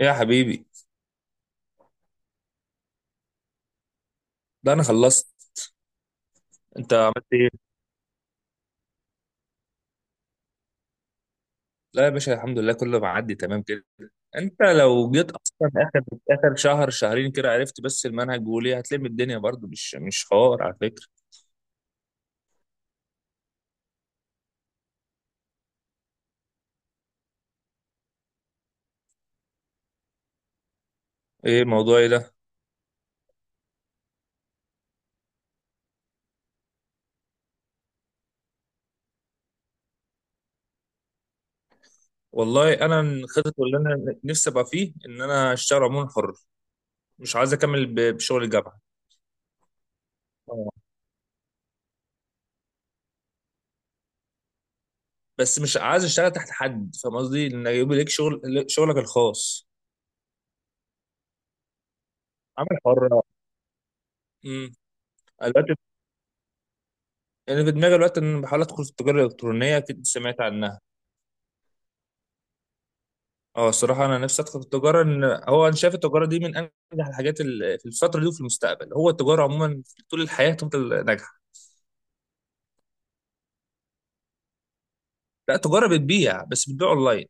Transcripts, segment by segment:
إيه يا حبيبي؟ ده انا خلصت. انت عملت ايه؟ لا يا باشا، الحمد لله كله معدي تمام كده. انت لو جيت اصلا اخر اخر شهر شهرين كده عرفت بس المنهج، وليه هتلم الدنيا برضو؟ مش حوار على فكره. ايه الموضوع ايه ده؟ والله انا الخطط اللي انا نفسي ابقى فيه ان انا اشتغل عموما حر. مش عايز اكمل بشغل الجامعه. آه. بس مش عايز اشتغل تحت حد، فاهم قصدي؟ ان يبقى ليك شغل، شغلك الخاص. عمل حر. امم دلوقتي انا في دماغي دلوقتي ان انا بحاول ادخل في التجاره الالكترونيه، اكيد سمعت عنها. اه الصراحه انا نفسي ادخل التجاره، ان هو انا شايف التجاره دي من انجح الحاجات في الفتره دي وفي المستقبل. هو التجاره عموما طول الحياه تفضل ناجحه. لا التجاره بتبيع، بس بتبيع اونلاين.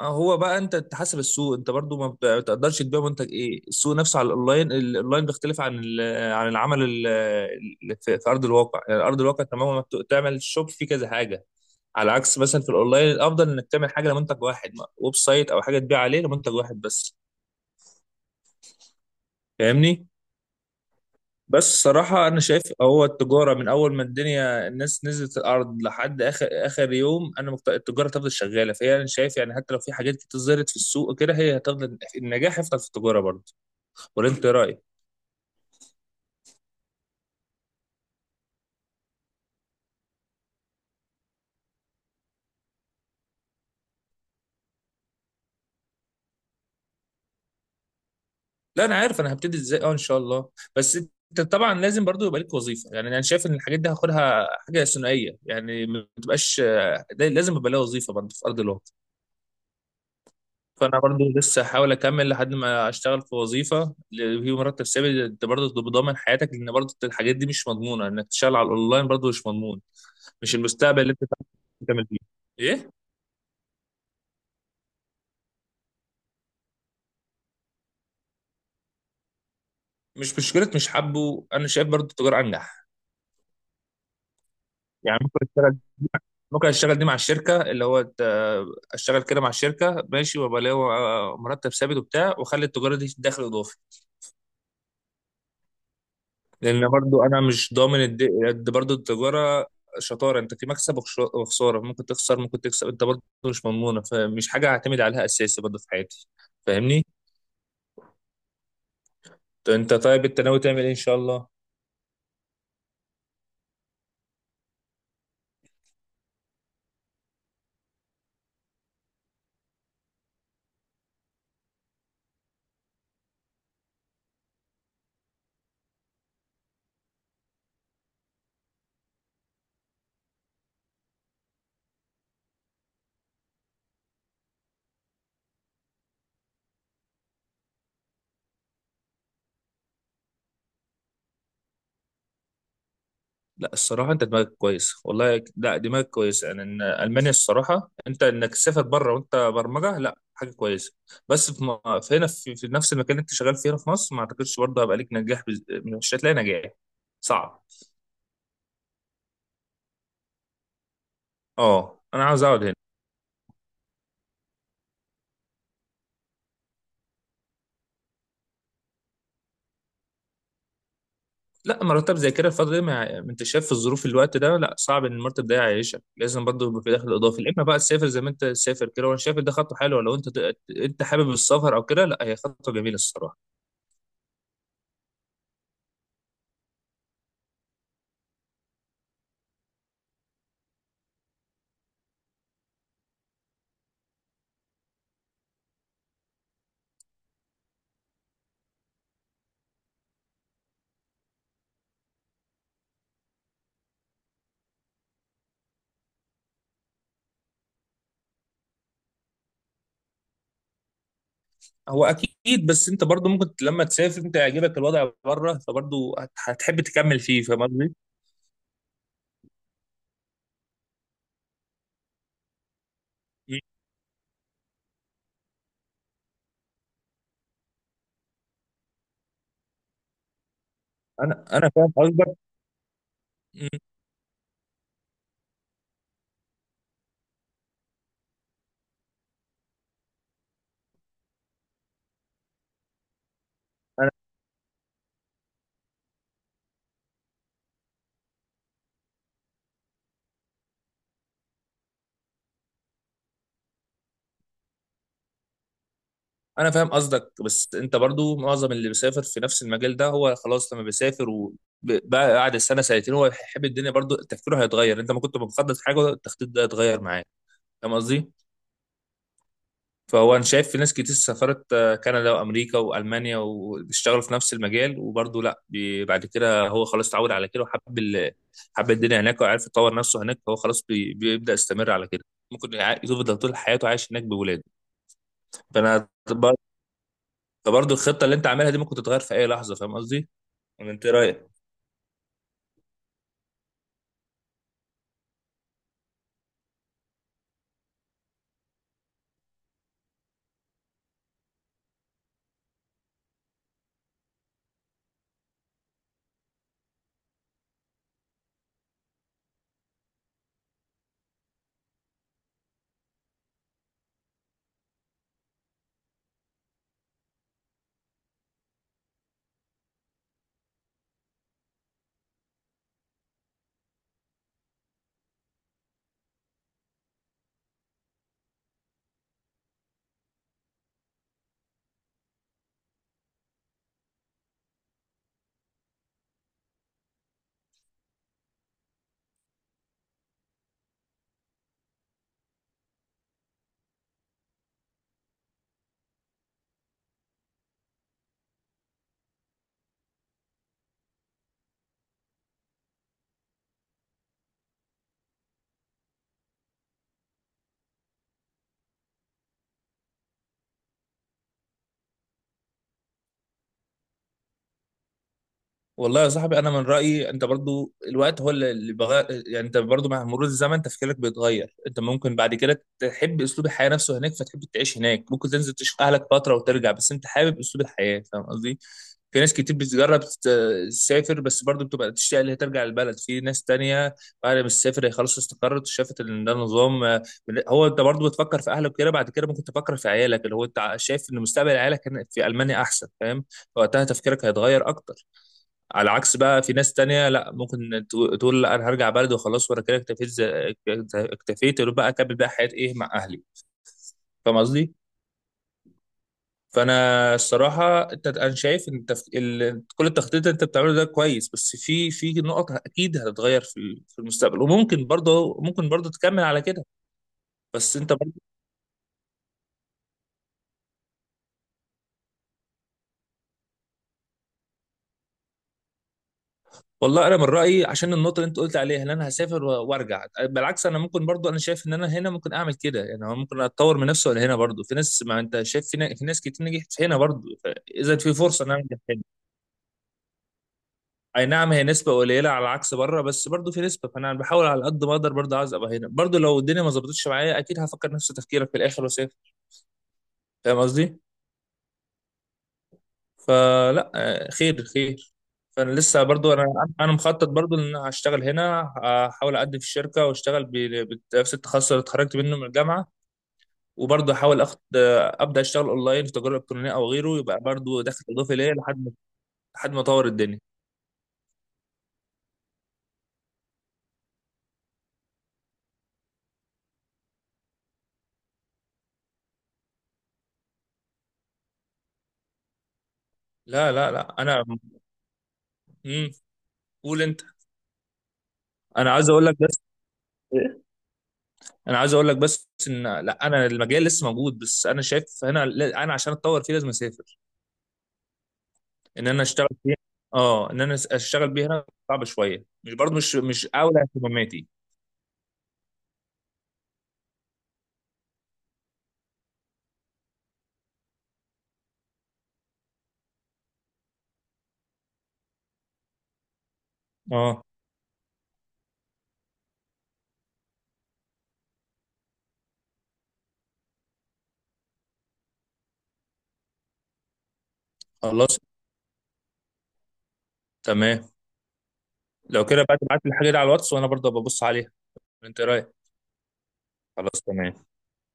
اه هو بقى انت تحسب السوق، انت برضو ما بت- بتقدرش تبيع منتج ايه. السوق نفسه على الاونلاين، الاونلاين بيختلف عن عن العمل في في ارض الواقع. يعني ارض الواقع تماما ما بت- تعمل شوب فيه كذا حاجه، على عكس مثلا في الاونلاين الافضل انك تعمل حاجه لمنتج واحد، ويب سايت او حاجه تبيع عليه لمنتج واحد بس. فاهمني؟ بس صراحة أنا شايف هو التجارة من أول ما الدنيا الناس نزلت الأرض لحد آخر آخر يوم أنا التجارة تفضل شغالة. فهي أنا شايف يعني حتى لو في حاجات كتير ظهرت في السوق كده، هي هتفضل، النجاح هيفضل في التجارة برضه. ولا أنت إيه رأيك؟ لا أنا عارف أنا هبتدي إزاي، أه إن شاء الله. بس أنت طبعا لازم برضه يبقى ليك وظيفة. يعني أنا شايف إن الحاجات دي هاخدها حاجة ثنائية، يعني ما تبقاش، ده لازم يبقى لها وظيفة برضه في أرض الواقع. فانا برضو لسه هحاول اكمل لحد ما اشتغل في وظيفه اللي فيه مرتب ثابت، انت برضو تبقى ضامن حياتك، لان برضو الحاجات دي مش مضمونه، انك تشتغل على الاونلاين برضو مش مضمون. مش المستقبل اللي انت تعمل فيه؟ ايه مش مشكله؟ مش حابه. انا شايف برضو التجاره انجح. يعني ممكن اشتغل، ممكن اشتغل دي مع الشركه اللي هو اشتغل كده مع الشركه، ماشي، وابقى ليا مرتب ثابت وبتاع، واخلي التجاره دي دخل اضافي. لان برضو انا مش ضامن قد برضو التجاره شطاره، انت في مكسب وخساره، ممكن تخسر ممكن تكسب، انت برضو مش مضمونه، فمش حاجه هعتمد عليها اساسي برضو في حياتي. فاهمني؟ طب انت طيب انت ناوي تعمل ايه ان شاء الله؟ لا الصراحه انت دماغك كويس، والله لا دماغك كويس. يعني ان المانيا الصراحه انت انك تسافر بره وانت برمجه، لا حاجه كويسه. بس في, في هنا في, في نفس المكان اللي انت شغال فيه هنا في مصر، ما اعتقدش برضه هيبقى ليك نجاح مش هتلاقي نجاح. صعب. اه انا عاوز اقعد هنا. لا مرتب زي كده الفترة دي، ما انت شايف في الظروف في الوقت ده، لا صعب ان المرتب ده يعيشك. لازم برضه يبقى في دخل اضافي، يا اما بقى تسافر زي ما انت تسافر كده. وانا شايف إن ده خطوه حلوه. لو انت انت حابب السفر او كده، لا هي خطوه جميله الصراحه. هو اكيد، بس انت برضه ممكن لما تسافر انت يعجبك الوضع بره، فبرضه هتحب تكمل فيه. فاهم قصدي؟ مم. انا فاهم قصدك. مم. انا فاهم قصدك، بس انت برضو معظم اللي بيسافر في نفس المجال ده هو خلاص لما بيسافر وبعد السنه سنتين هو يحب الدنيا، برضو تفكيره هيتغير. انت ما كنت مخطط حاجه، التخطيط ده هيتغير معاك. فاهم قصدي؟ فهو انا شايف في ناس كتير سافرت كندا وامريكا والمانيا واشتغلوا في نفس المجال، وبرضو لا بعد كده هو خلاص اتعود على كده، وحب حب الدنيا هناك، وعارف يطور نفسه هناك، فهو خلاص بيبدا يستمر على كده، ممكن يفضل طول حياته عايش هناك بولاده. فانا فبرضه الخطه اللي انت عاملها دي ممكن تتغير في اي لحظه. فاهم قصدي؟ ولا انت إيه رايك؟ والله يا صاحبي انا من رايي انت برضو الوقت هو اللي بغير. يعني انت برضو مع مرور الزمن تفكيرك بيتغير. انت ممكن بعد كده تحب اسلوب الحياه نفسه هناك فتحب تعيش هناك، ممكن تنزل تشوف اهلك فتره وترجع، بس انت حابب اسلوب الحياه. فاهم قصدي؟ في ناس كتير بتجرب تسافر بس برضو بتبقى تشتاق اللي هي ترجع البلد. في ناس تانية بعد ما تسافر هي خلاص استقرت وشافت ان ده نظام، هو انت برضو بتفكر في اهلك كده، بعد كده ممكن تفكر في عيالك، اللي هو انت شايف ان مستقبل عيالك هنا في المانيا احسن. فاهم؟ وقتها تفكيرك هيتغير اكتر، على عكس بقى في ناس تانية لا، ممكن تقول لا انا هرجع بلدي وخلاص وانا كده اكتفيت، اكتفيت يبقى بقى اكمل بقى حياتي ايه مع اهلي. فاهم قصدي؟ فانا الصراحه انت انا شايف ان كل التخطيط اللي انت بتعمله ده كويس، بس في في نقط اكيد هتتغير في في المستقبل، وممكن برضه ممكن برضه تكمل على كده. بس انت، والله انا من رايي عشان النقطه اللي انت قلت عليها ان انا هسافر وارجع، بالعكس انا ممكن برضو، انا شايف ان انا هنا ممكن اعمل كده. يعني أنا ممكن اتطور من نفسي، ولا هنا برضو في ناس، ما انت شايف في, في ناس كتير نجحت هنا برضو اذا في فرصه ان انا انجح هنا. اي نعم هي نسبه قليله على عكس بره، بس برضو في نسبه، فانا بحاول على قد ما اقدر برضو عايز ابقى هنا. برضو لو الدنيا ما ظبطتش معايا اكيد هفكر نفس تفكيرك في الاخر واسافر. فاهم قصدي؟ فلا خير خير. فانا لسه برضو انا مخطط برضو ان انا هشتغل هنا، احاول اقدم في الشركه واشتغل بنفس التخصص اللي اتخرجت منه من الجامعه، وبرضه احاول اخد ابدا اشتغل اونلاين في تجاره الكترونيه او غيره، يبقى برضه دخل اضافي ليا لحد ما، لحد ما اطور الدنيا. لا انا امم قول انت. انا عايز اقول لك بس. إيه؟ انا عايز اقول لك بس ان لا انا المجال لسه موجود، بس انا شايف هنا لا، انا عشان اتطور فيه لازم اسافر. ان انا اشتغل فيها. اه ان انا اشتغل بيها هنا صعب شويه، مش برضه، مش اولى اهتماماتي. اه. خلاص تمام. لو كده بقى تبعت لي الحاجه دي على الواتس وانا برضه ببص عليها. انت إيه رايك؟ خلاص تمام.